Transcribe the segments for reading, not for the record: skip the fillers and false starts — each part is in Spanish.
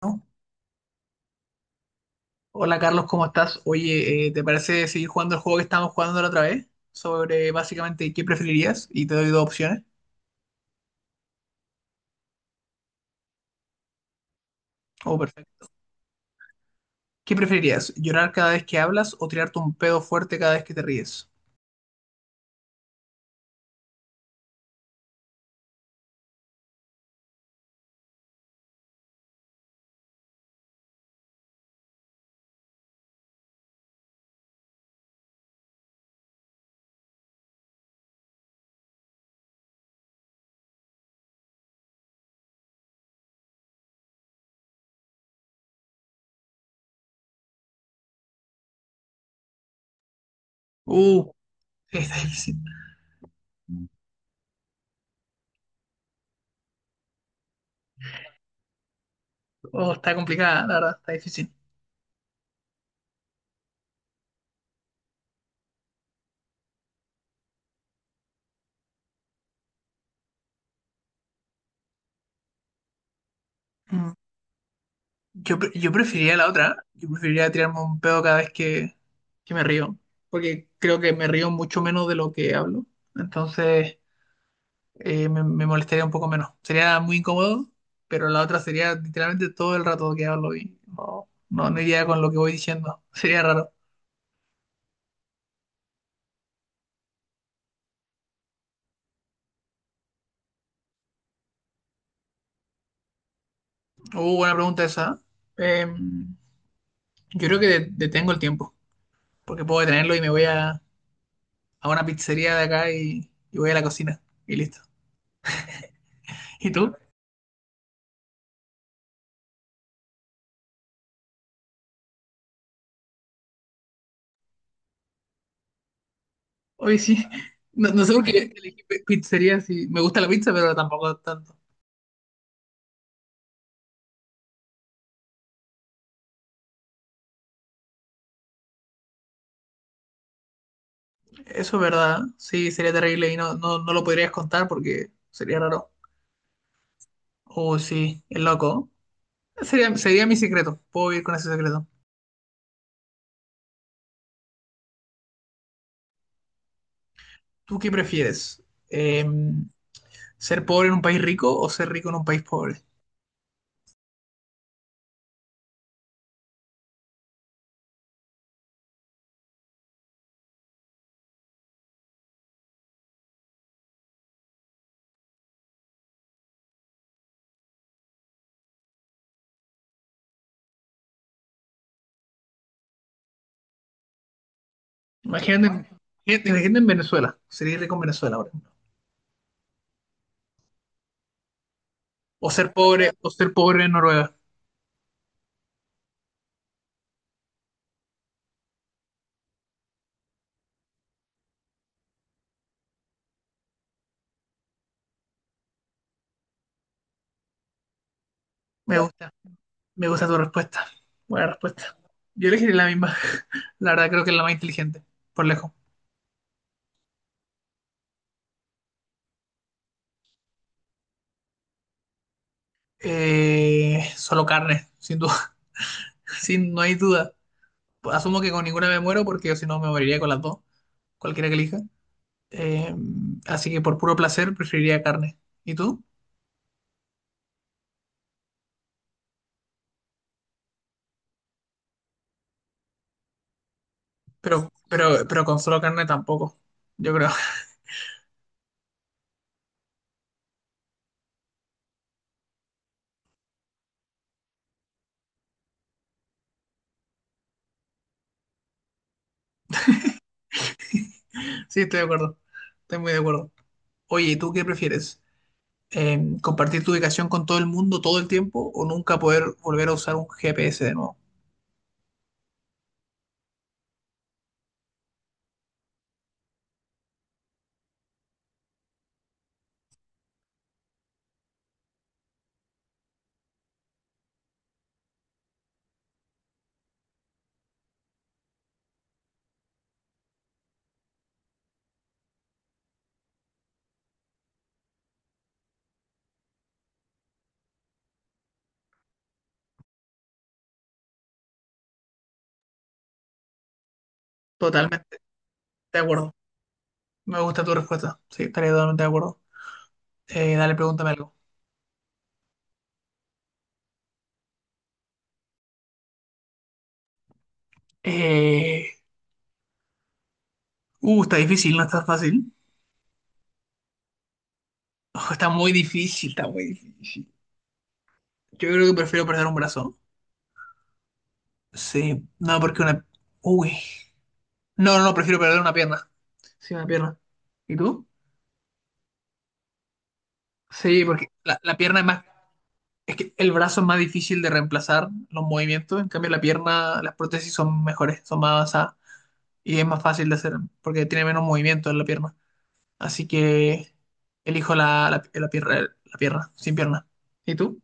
¿No? Hola Carlos, ¿cómo estás? Oye, ¿te parece seguir jugando el juego que estábamos jugando la otra vez? Sobre básicamente qué preferirías y te doy dos opciones. Oh, perfecto. ¿Qué preferirías? ¿Llorar cada vez que hablas o tirarte un pedo fuerte cada vez que te ríes? Uh, está difícil. Oh, está complicada, la verdad, está difícil. Mm. Yo preferiría la otra. Yo preferiría tirarme un pedo cada vez que me río. Porque creo que me río mucho menos de lo que hablo. Entonces, me molestaría un poco menos. Sería muy incómodo, pero la otra sería literalmente todo el rato que hablo y no iría con lo que voy diciendo. Sería raro. Buena pregunta esa. Eh, yo creo que detengo el tiempo, porque puedo detenerlo y me voy a una pizzería de acá y voy a la cocina y listo. ¿Y tú? Hoy sí. No, no sé por qué elegí pizzería, sí. Me gusta la pizza, pero tampoco tanto. Eso es verdad. Sí, sería terrible y no lo podrías contar porque sería raro. Oh, sí, es loco. Sería mi secreto. Puedo ir con ese secreto. ¿Tú qué prefieres? Eh, ¿Ser pobre en un país rico o ser rico en un país pobre? Imagínate, imagínate en Venezuela. Sería rico en Venezuela, por ejemplo. O ser pobre en Noruega. Me gusta. Me gusta tu respuesta. Buena respuesta. Yo elegiré la misma. La verdad creo que es la más inteligente. Por lejos. Solo carne, sin duda. Sin, no hay duda. Asumo que con ninguna me muero porque si no me moriría con las dos. Cualquiera que elija. Eh, así que por puro placer preferiría carne. ¿Y tú? Pero con solo carne tampoco. Yo creo. Sí, estoy de acuerdo. Estoy muy de acuerdo. Oye, ¿y tú qué prefieres? ¿Compartir tu ubicación con todo el mundo todo el tiempo o nunca poder volver a usar un GPS de nuevo? Totalmente de acuerdo. Me gusta tu respuesta. Sí, estaría totalmente de acuerdo. Dale, pregúntame algo. Eh, está difícil, no está fácil. Ojo, está muy difícil, está muy difícil. Yo creo que prefiero perder un brazo. Sí, no, porque una... Uy. No, prefiero perder una pierna. Sí, una pierna. ¿Y tú? Sí, porque la pierna es más... Es que el brazo es más difícil de reemplazar los movimientos. En cambio, la pierna, las prótesis son mejores, son más avanzadas. Y es más fácil de hacer porque tiene menos movimiento en la pierna. Así que elijo la pierna, sin pierna. ¿Y tú?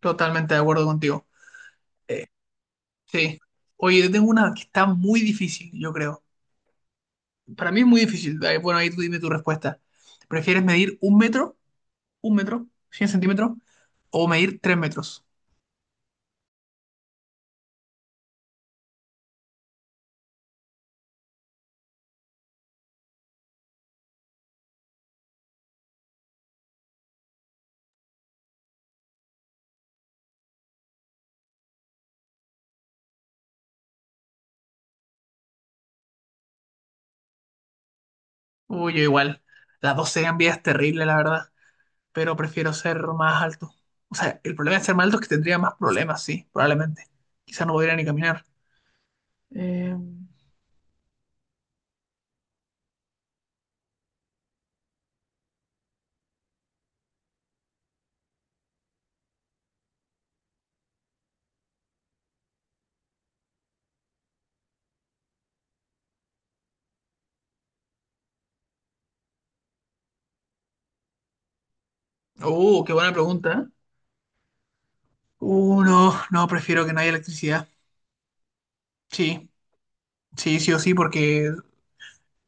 Totalmente de acuerdo contigo. Eh, sí. Oye, yo tengo una que está muy difícil, yo creo. Para mí es muy difícil. Ahí, bueno, ahí tú dime tu respuesta. ¿Prefieres medir un metro, 100 centímetros, o medir tres metros? Uy, yo igual. Las dos serían vidas terribles, la verdad. Pero prefiero ser más alto. O sea, el problema de ser más alto es que tendría más problemas, sí, probablemente. Quizá no podría ni caminar. Eh... qué buena pregunta. ¿Eh? No, prefiero que no haya electricidad. Sí, sí o sí, porque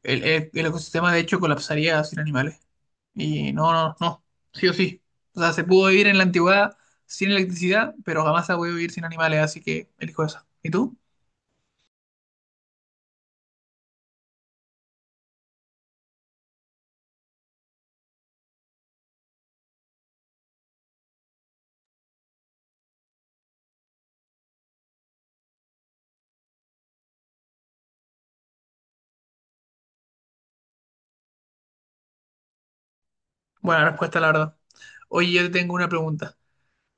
el ecosistema de hecho colapsaría sin animales. Y no, sí o sí. O sea, se pudo vivir en la antigüedad sin electricidad, pero jamás se ha podido vivir sin animales, así que elijo esa. ¿Y tú? Buena respuesta, la verdad. Oye, yo te tengo una pregunta.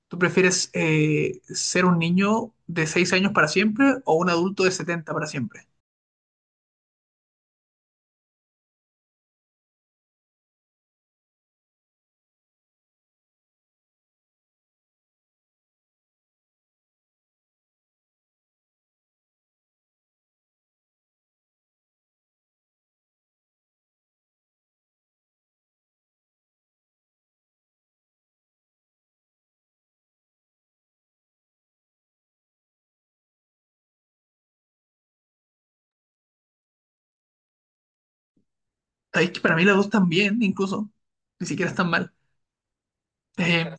¿Tú prefieres ser un niño de 6 años para siempre o un adulto de 70 para siempre? Sabéis que para mí las dos también, incluso. Ni siquiera están mal. Eh,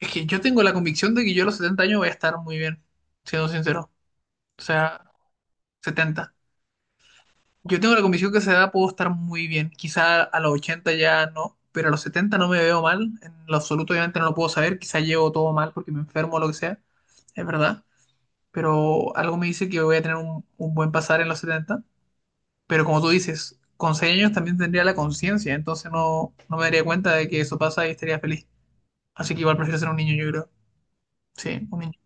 es que yo tengo la convicción de que yo a los 70 años voy a estar muy bien, siendo sincero. O sea, setenta. Yo tengo la convicción que a esa edad puedo estar muy bien. Quizá a los 80 ya no, pero a los 70 no me veo mal. En lo absoluto, obviamente no lo puedo saber. Quizá llevo todo mal porque me enfermo o lo que sea. Es verdad. Pero algo me dice que voy a tener un buen pasar en los setenta. Pero como tú dices, con 6 años también tendría la conciencia. Entonces no me daría cuenta de que eso pasa y estaría feliz. Así que igual prefiero ser un niño, yo creo. Sí, un niño.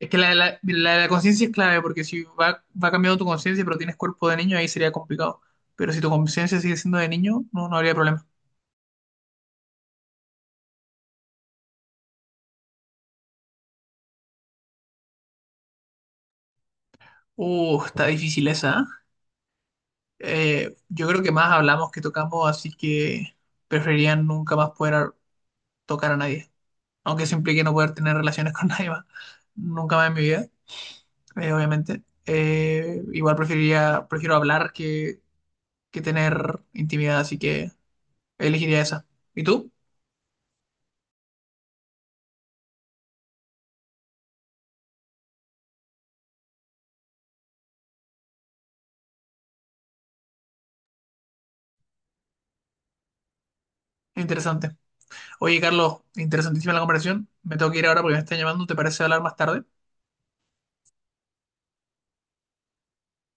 Es que la conciencia es clave, porque si va, va cambiando tu conciencia, pero tienes cuerpo de niño, ahí sería complicado. Pero si tu conciencia sigue siendo de niño, no habría problema. Está difícil esa. ¿Eh? Yo creo que más hablamos que tocamos, así que preferiría nunca más poder tocar a nadie. Aunque eso implique no poder tener relaciones con nadie más. Nunca más en mi vida, obviamente. Prefiero hablar que tener intimidad, así que elegiría esa. ¿Y tú? Interesante. Oye, Carlos, interesantísima la conversación. Me tengo que ir ahora porque me están llamando. ¿Te parece hablar más tarde?